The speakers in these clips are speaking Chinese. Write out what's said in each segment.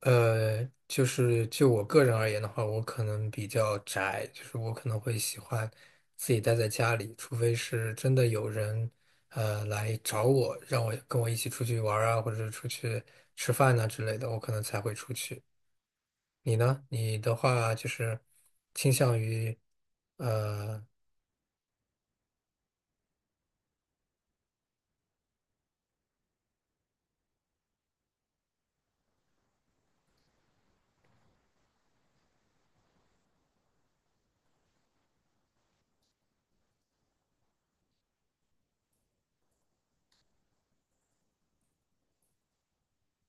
就是就我个人而言的话，我可能比较宅，就是我可能会喜欢自己待在家里，除非是真的有人来找我，让我跟我一起出去玩儿啊，或者是出去吃饭呐、之类的，我可能才会出去。你呢？你的话就是倾向于呃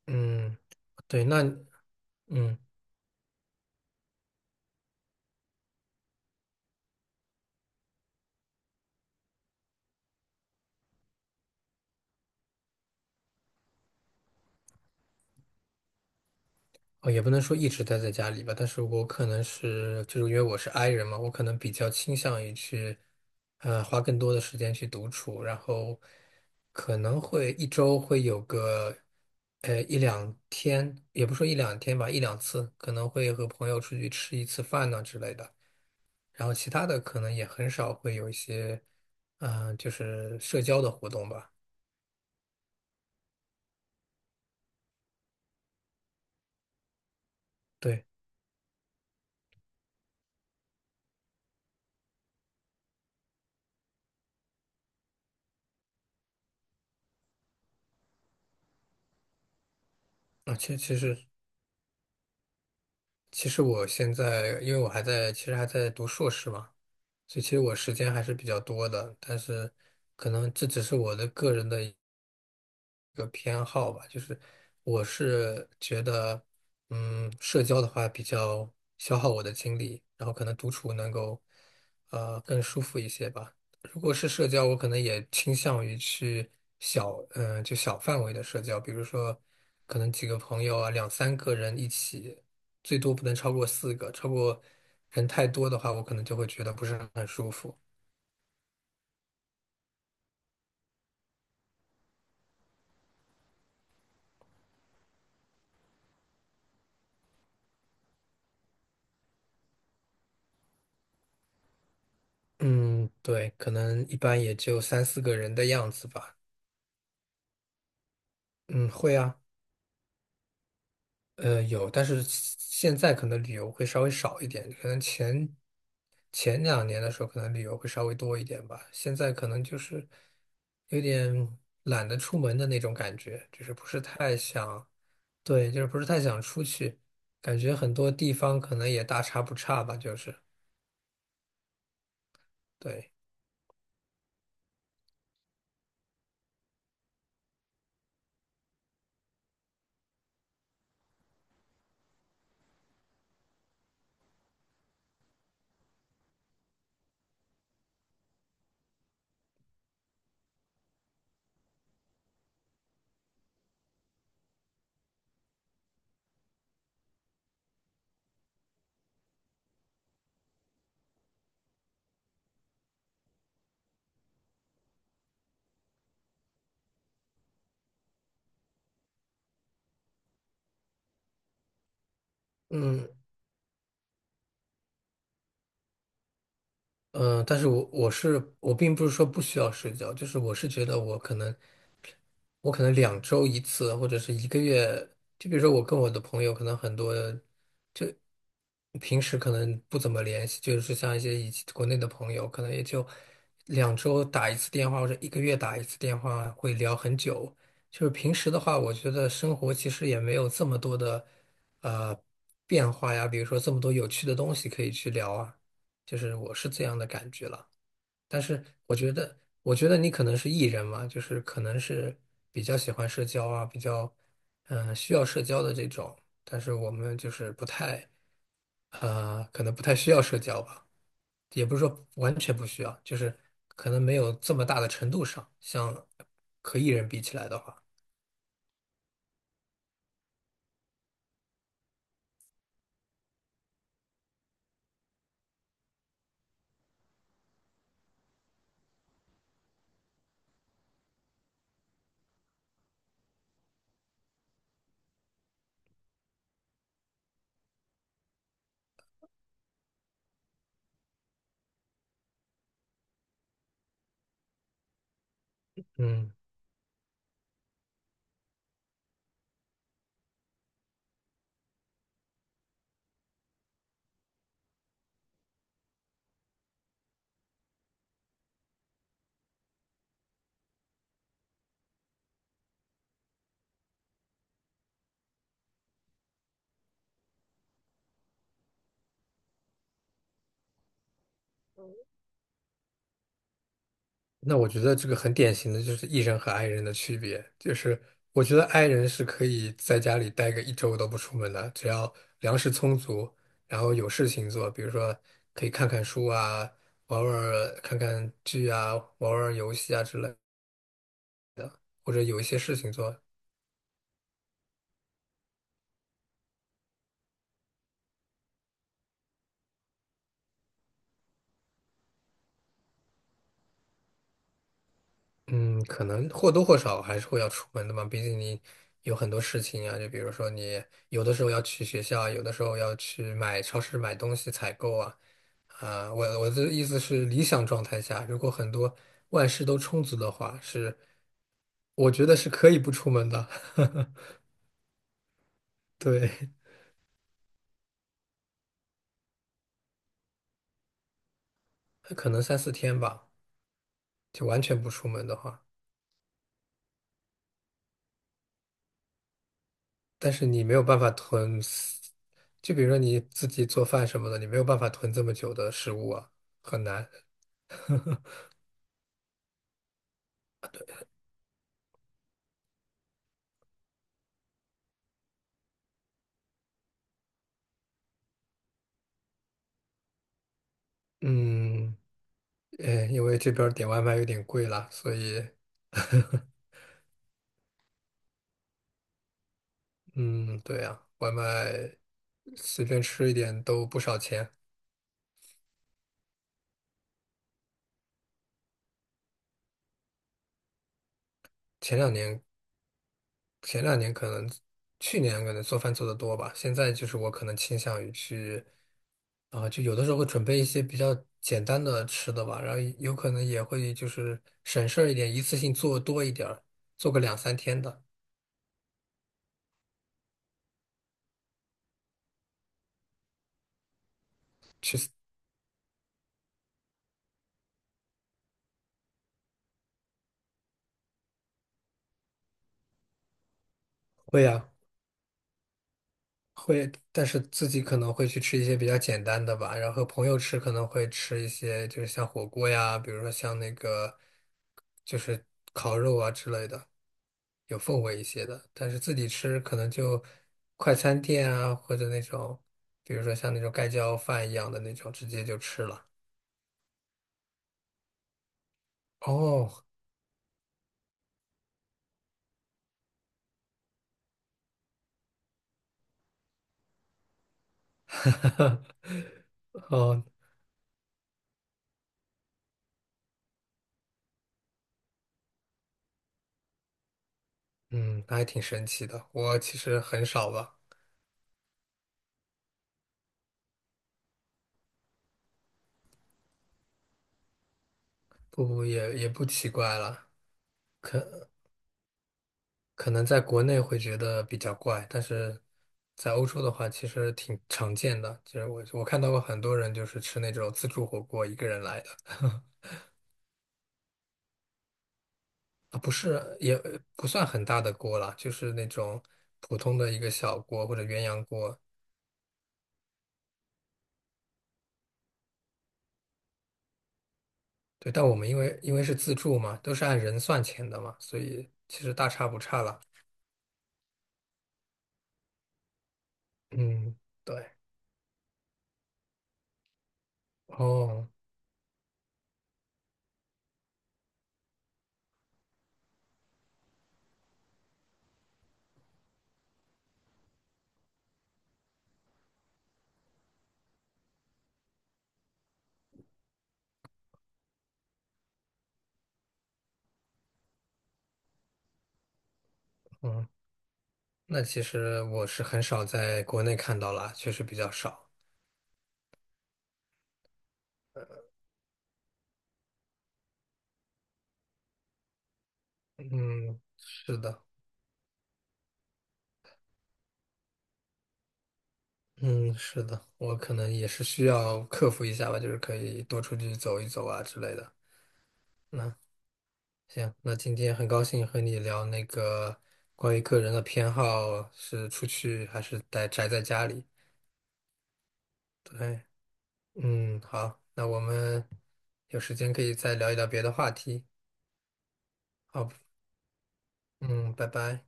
嗯，对，那嗯。哦，也不能说一直待在家里吧，但是我可能是，就是因为我是 i 人嘛，我可能比较倾向于去，花更多的时间去独处，然后可能会一周会有个，一两天，也不说一两天吧，一两次，可能会和朋友出去吃一次饭呐之类的，然后其他的可能也很少会有一些，就是社交的活动吧。对。啊，其实我现在，因为我还在，其实还在读硕士嘛。所以其实我时间还是比较多的，但是可能这只是我的个人的一个偏好吧。就是我是觉得，社交的话比较消耗我的精力，然后可能独处能够，更舒服一些吧。如果是社交，我可能也倾向于去小，嗯、就小范围的社交，比如说可能几个朋友啊，两三个人一起，最多不能超过四个，人太多的话，我可能就会觉得不是很舒服。嗯，对，可能一般也就三四个人的样子吧。嗯，会啊，有，但是现在可能旅游会稍微少一点，可能前两年的时候，可能旅游会稍微多一点吧。现在可能就是有点懒得出门的那种感觉，就是不是太想，对，就是不是太想出去，感觉很多地方可能也大差不差吧，就是对。嗯。嗯，但是我并不是说不需要社交，就是我是觉得我可能两周一次，或者是一个月，就比如说我跟我的朋友可能很多，就平时可能不怎么联系，就是像一些以前国内的朋友，可能也就两周打一次电话或者一个月打一次电话，会聊很久。就是平时的话，我觉得生活其实也没有这么多的呃变化呀，比如说这么多有趣的东西可以去聊啊。就是我是这样的感觉了。但是我觉得，你可能是 E 人嘛，就是可能是比较喜欢社交啊，比较需要社交的这种。但是我们就是不太可能不太需要社交吧，也不是说完全不需要，就是可能没有这么大的程度上，像和 E 人比起来的话。嗯。那我觉得这个很典型的就是 E 人和 I 人的区别，就是我觉得 I 人是可以在家里待个一周都不出门的，只要粮食充足，然后有事情做，比如说可以看看书啊，看看剧啊，玩玩游戏啊之类，或者有一些事情做。嗯，可能或多或少还是会要出门的嘛，毕竟你有很多事情啊，就比如说你有的时候要去学校啊，有的时候要去买超市买东西采购啊。啊，我的意思是理想状态下，如果很多万事都充足的话，是我觉得是可以不出门的。对，可能三四天吧，就完全不出门的话，但是你没有办法就比如说你自己做饭什么的，你没有办法囤这么久的食物啊，很难。嗯。因为这边儿点外卖有点贵啦，所以。嗯，对呀，外卖随便吃一点都不少钱。前两年，前两年可能，去年可能做饭做得多吧，现在就是我可能倾向于去，就有的时候会准备一些比较简单的吃的吧，然后有可能也会就是省事儿一点，一次性做多一点儿，做个两三天的。会呀、会，但是自己可能会去吃一些比较简单的吧，然后和朋友吃可能会吃一些，就是像火锅呀，比如说像那个就是烤肉啊之类的，有氛围一些的。但是自己吃可能就快餐店啊，或者那种，比如说像那种盖浇饭一样的那种，直接就吃了。哦。哦，嗯，那还挺神奇的。我其实很少吧。不不，也不奇怪了。可能在国内会觉得比较怪，但是在欧洲的话，其实挺常见的。其实我看到过很多人就是吃那种自助火锅，一个人来的。啊，不是，也不算很大的锅啦，就是那种普通的一个小锅或者鸳鸯锅。对，但我们因为是自助嘛，都是按人算钱的嘛，所以其实大差不差了。嗯，对，哦，嗯，那其实我是很少在国内看到啦，确实比较少。嗯，是的。嗯，是的，我可能也是需要克服一下吧，就是可以多出去走一走啊之类的。那行，那今天很高兴和你聊那个关于个人的偏好是出去还是宅在家里。对，嗯，好，那我们有时间可以再聊一聊别的话题。好，嗯，拜拜。